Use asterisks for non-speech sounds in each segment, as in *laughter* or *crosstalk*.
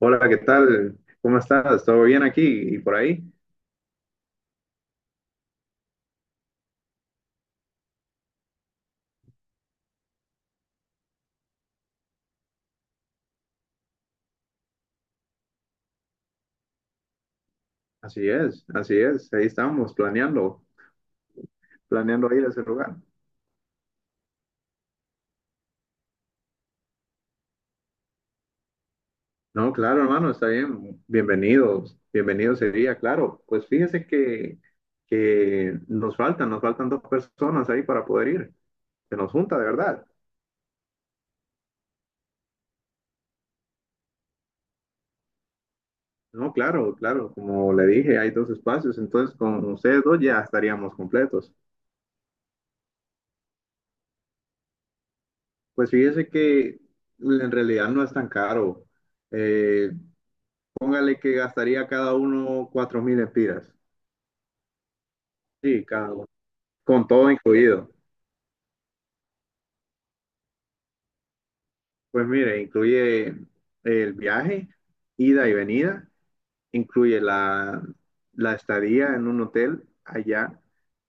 Hola, ¿qué tal? ¿Cómo estás? ¿Todo bien aquí y por ahí? Así es, así es. Ahí estamos planeando, planeando ir a ese lugar. No, claro, hermano, está bien. Bienvenidos, bienvenido sería, claro. Pues fíjese que nos faltan dos personas ahí para poder ir. Se nos junta, de verdad. No, claro, claro. Como le dije, hay dos espacios, entonces con ustedes dos ya estaríamos completos. Pues fíjese que en realidad no es tan caro. Eh, Póngale que gastaría cada uno 4.000 espiras. Sí, cada uno. Con todo incluido. Pues mire, incluye el viaje, ida y venida, incluye la estadía en un hotel allá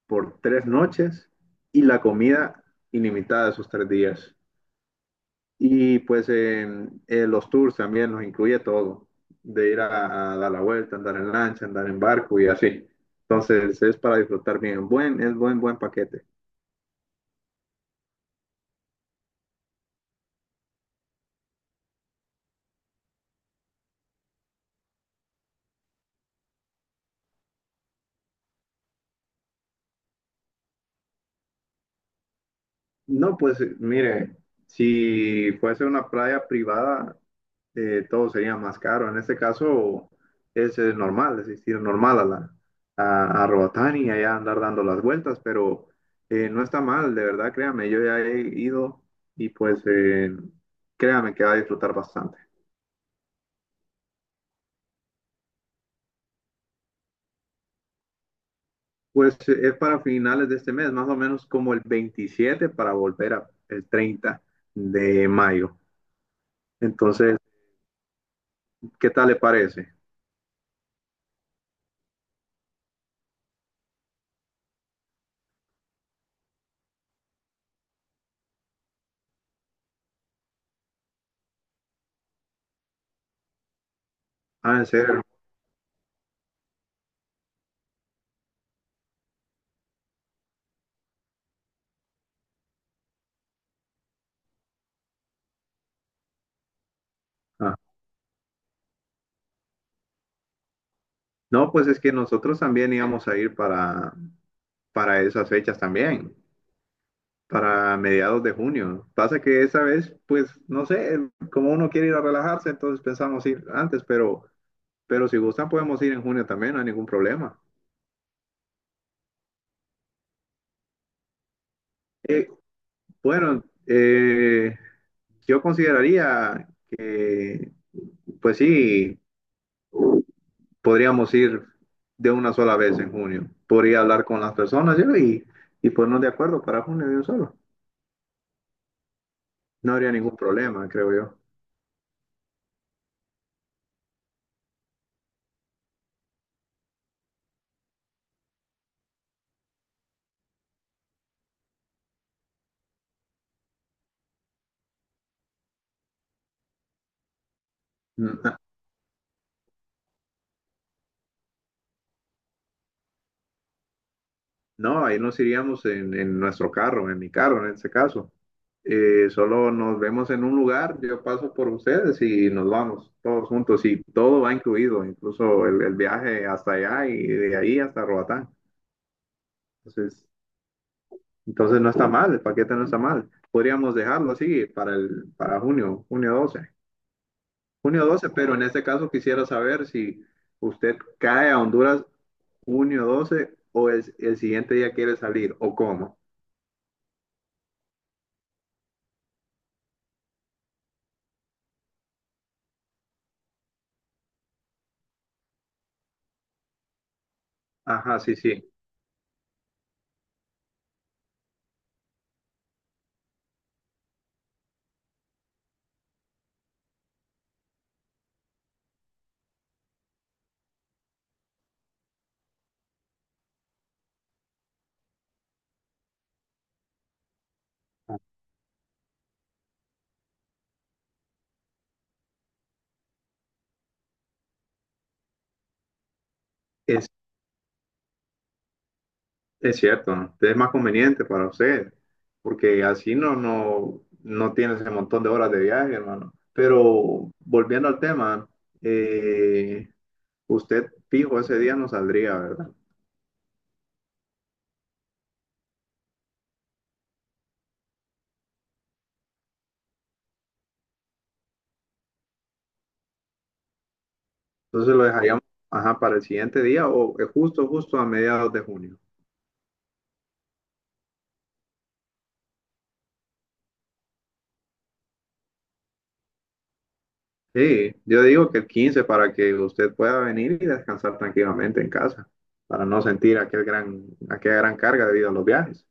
por 3 noches y la comida ilimitada esos 3 días. Y pues los tours también nos incluye todo, de ir a dar la vuelta, andar en lancha, andar en barco y así. Entonces es para disfrutar bien. Es buen paquete. No, pues mire, si fuese una playa privada, todo sería más caro. En este caso es, normal, es decir, normal a Roatán y allá andar dando las vueltas, pero no está mal, de verdad, créame, yo ya he ido y pues créame que va a disfrutar bastante. Pues es para finales de este mes, más o menos como el 27 para volver el 30 de mayo. Entonces, ¿qué tal le parece? Ah, en serio. Ah. No, pues es que nosotros también íbamos a ir para, esas fechas también, para mediados de junio. Pasa que esa vez, pues, no sé, como uno quiere ir a relajarse, entonces pensamos ir antes, pero si gustan podemos ir en junio también, no hay ningún problema. Eh, bueno, yo consideraría que, pues sí, podríamos ir de una sola vez en junio. Podría hablar con las personas yo y ponernos de acuerdo para junio de un solo. No habría ningún problema, creo yo. N- No, ahí nos iríamos en nuestro carro, en mi carro en ese caso. Solo nos vemos en un lugar, yo paso por ustedes y nos vamos todos juntos y todo va incluido, incluso el viaje hasta allá y de ahí hasta Roatán. Entonces, entonces no está mal, el paquete no está mal. Podríamos dejarlo así para junio doce. Junio 12, pero en este caso quisiera saber si usted cae a Honduras junio 12 o el siguiente día quiere salir o cómo. Ajá, sí, sí, es, es cierto, ¿no? Es más conveniente para usted, porque así no, no, no tiene ese montón de horas de viaje, hermano. Pero volviendo al tema, eh, usted fijo ese día no saldría, ¿verdad? Entonces lo dejaríamos, ajá, para el siguiente día o justo, justo a mediados de junio. Sí, yo digo que el 15 para que usted pueda venir y descansar tranquilamente en casa, para no sentir aquella gran carga debido a los viajes.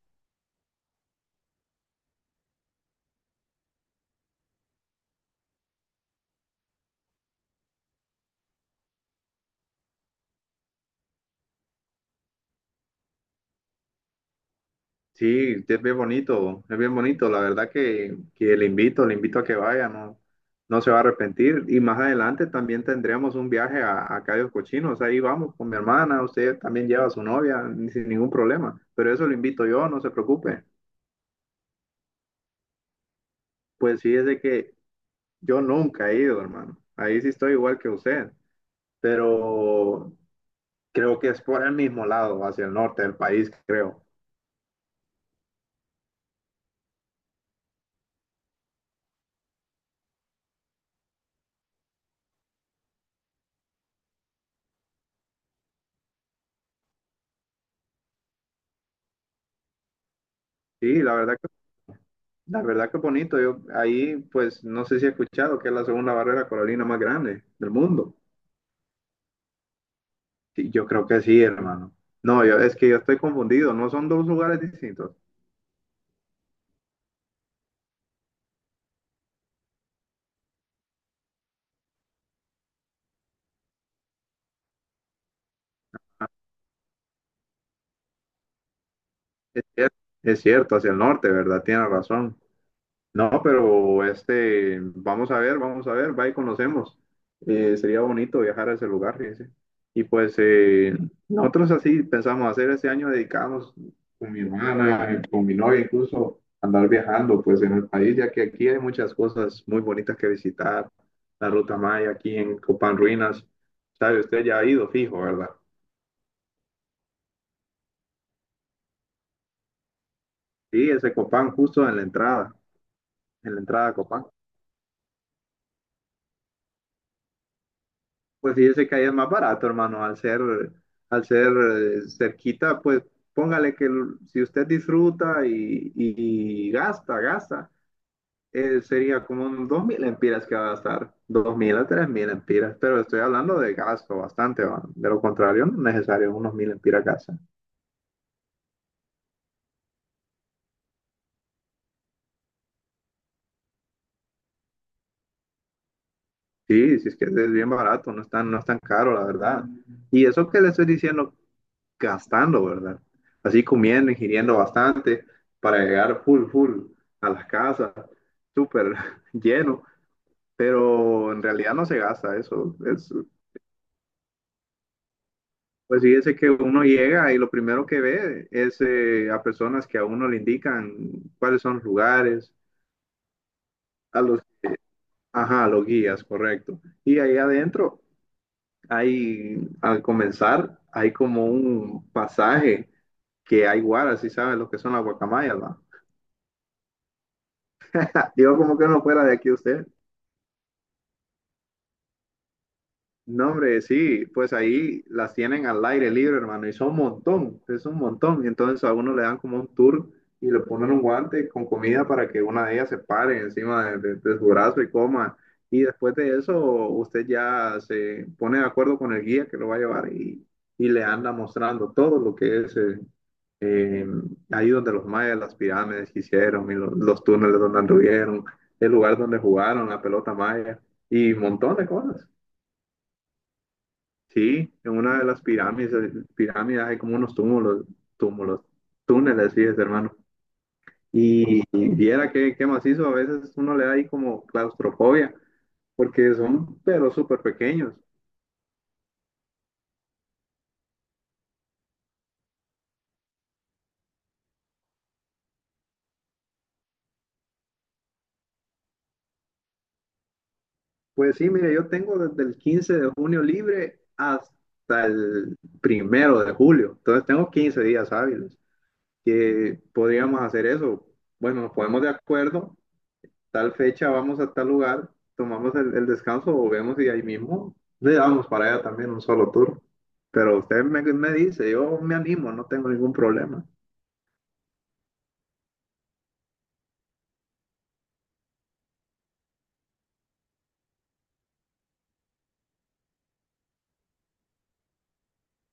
Sí, es bien bonito, es bien bonito. La verdad que le invito a que vaya, no, no se va a arrepentir. Y más adelante también tendríamos un viaje a Cayos Cochinos. Ahí vamos con mi hermana, usted también lleva a su novia, sin ningún problema. Pero eso lo invito yo, no se preocupe. Pues fíjese que yo nunca he ido, hermano. Ahí sí estoy igual que usted. Pero creo que es por el mismo lado, hacia el norte del país, creo. Sí, la verdad. La verdad que bonito. Yo ahí, pues, no sé si he escuchado que es la segunda barrera coralina más grande del mundo. Sí, yo creo que sí, hermano. No, es que yo estoy confundido. No son dos lugares distintos. Es cierto, es cierto, hacia el norte, ¿verdad? Tiene razón. No, pero este, vamos a ver, va y conocemos. Sería bonito viajar a ese lugar, fíjese. Y pues nosotros así pensamos hacer este año, dedicamos con mi hermana, con mi novia incluso, andar viajando pues en el país, ya que aquí hay muchas cosas muy bonitas que visitar. La Ruta Maya aquí en Copán Ruinas, sabe, usted ya ha ido fijo, ¿verdad? Sí, ese Copán justo en la entrada a Copán. Pues fíjese que ahí es más barato, hermano, al ser cerquita, pues póngale que si usted disfruta y gasta, gasta, sería como unos 2.000 empiras que va a gastar, 2.000 a 3.000 empiras, pero estoy hablando de gasto bastante, va. De lo contrario, no es necesario unos 1.000 empiras gasta. Sí, si es que es bien barato, no es tan, no es tan caro, la verdad. Y eso que le estoy diciendo gastando, ¿verdad? Así comiendo, ingiriendo bastante para llegar full, full a las casas, súper *laughs* lleno, pero en realidad no se gasta eso. Pues fíjese que uno llega y lo primero que ve es a personas que a uno le indican cuáles son los lugares, a los, ajá, a los guías, correcto. Y ahí adentro hay, al comenzar, hay como un pasaje que hay guaras, si saben lo que son las guacamayas, ¿va? Digo como que no fuera de aquí usted. No, hombre, sí, pues ahí las tienen al aire libre, hermano, y son un montón, es un montón. Y entonces a uno le dan como un tour y le ponen un guante con comida para que una de ellas se pare encima de su brazo y coma. Y después de eso, usted ya se pone de acuerdo con el guía que lo va a llevar y le anda mostrando todo lo que es eh, ahí donde los mayas, las pirámides que hicieron y los túneles donde anduvieron, el lugar donde jugaron, la pelota maya y un montón de cosas. Sí, en una de las pirámides hay como unos túmulos, túmulos, túneles, sí, es, hermano. Y viera qué, macizo, a veces uno le da ahí como claustrofobia, porque son, pero súper pequeños. Pues sí, mire, yo tengo desde el 15 de junio libre hasta el primero de julio, entonces tengo 15 días hábiles que podríamos hacer eso. Bueno, nos ponemos de acuerdo tal fecha vamos a tal lugar, tomamos el descanso, volvemos y ahí mismo le damos para allá también un solo tour. Pero usted me dice, yo me animo, no tengo ningún problema.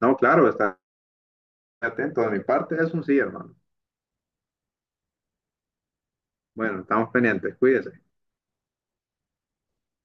No, claro, está atento de mi parte, es un sí, hermano. Bueno, estamos pendientes, cuídese.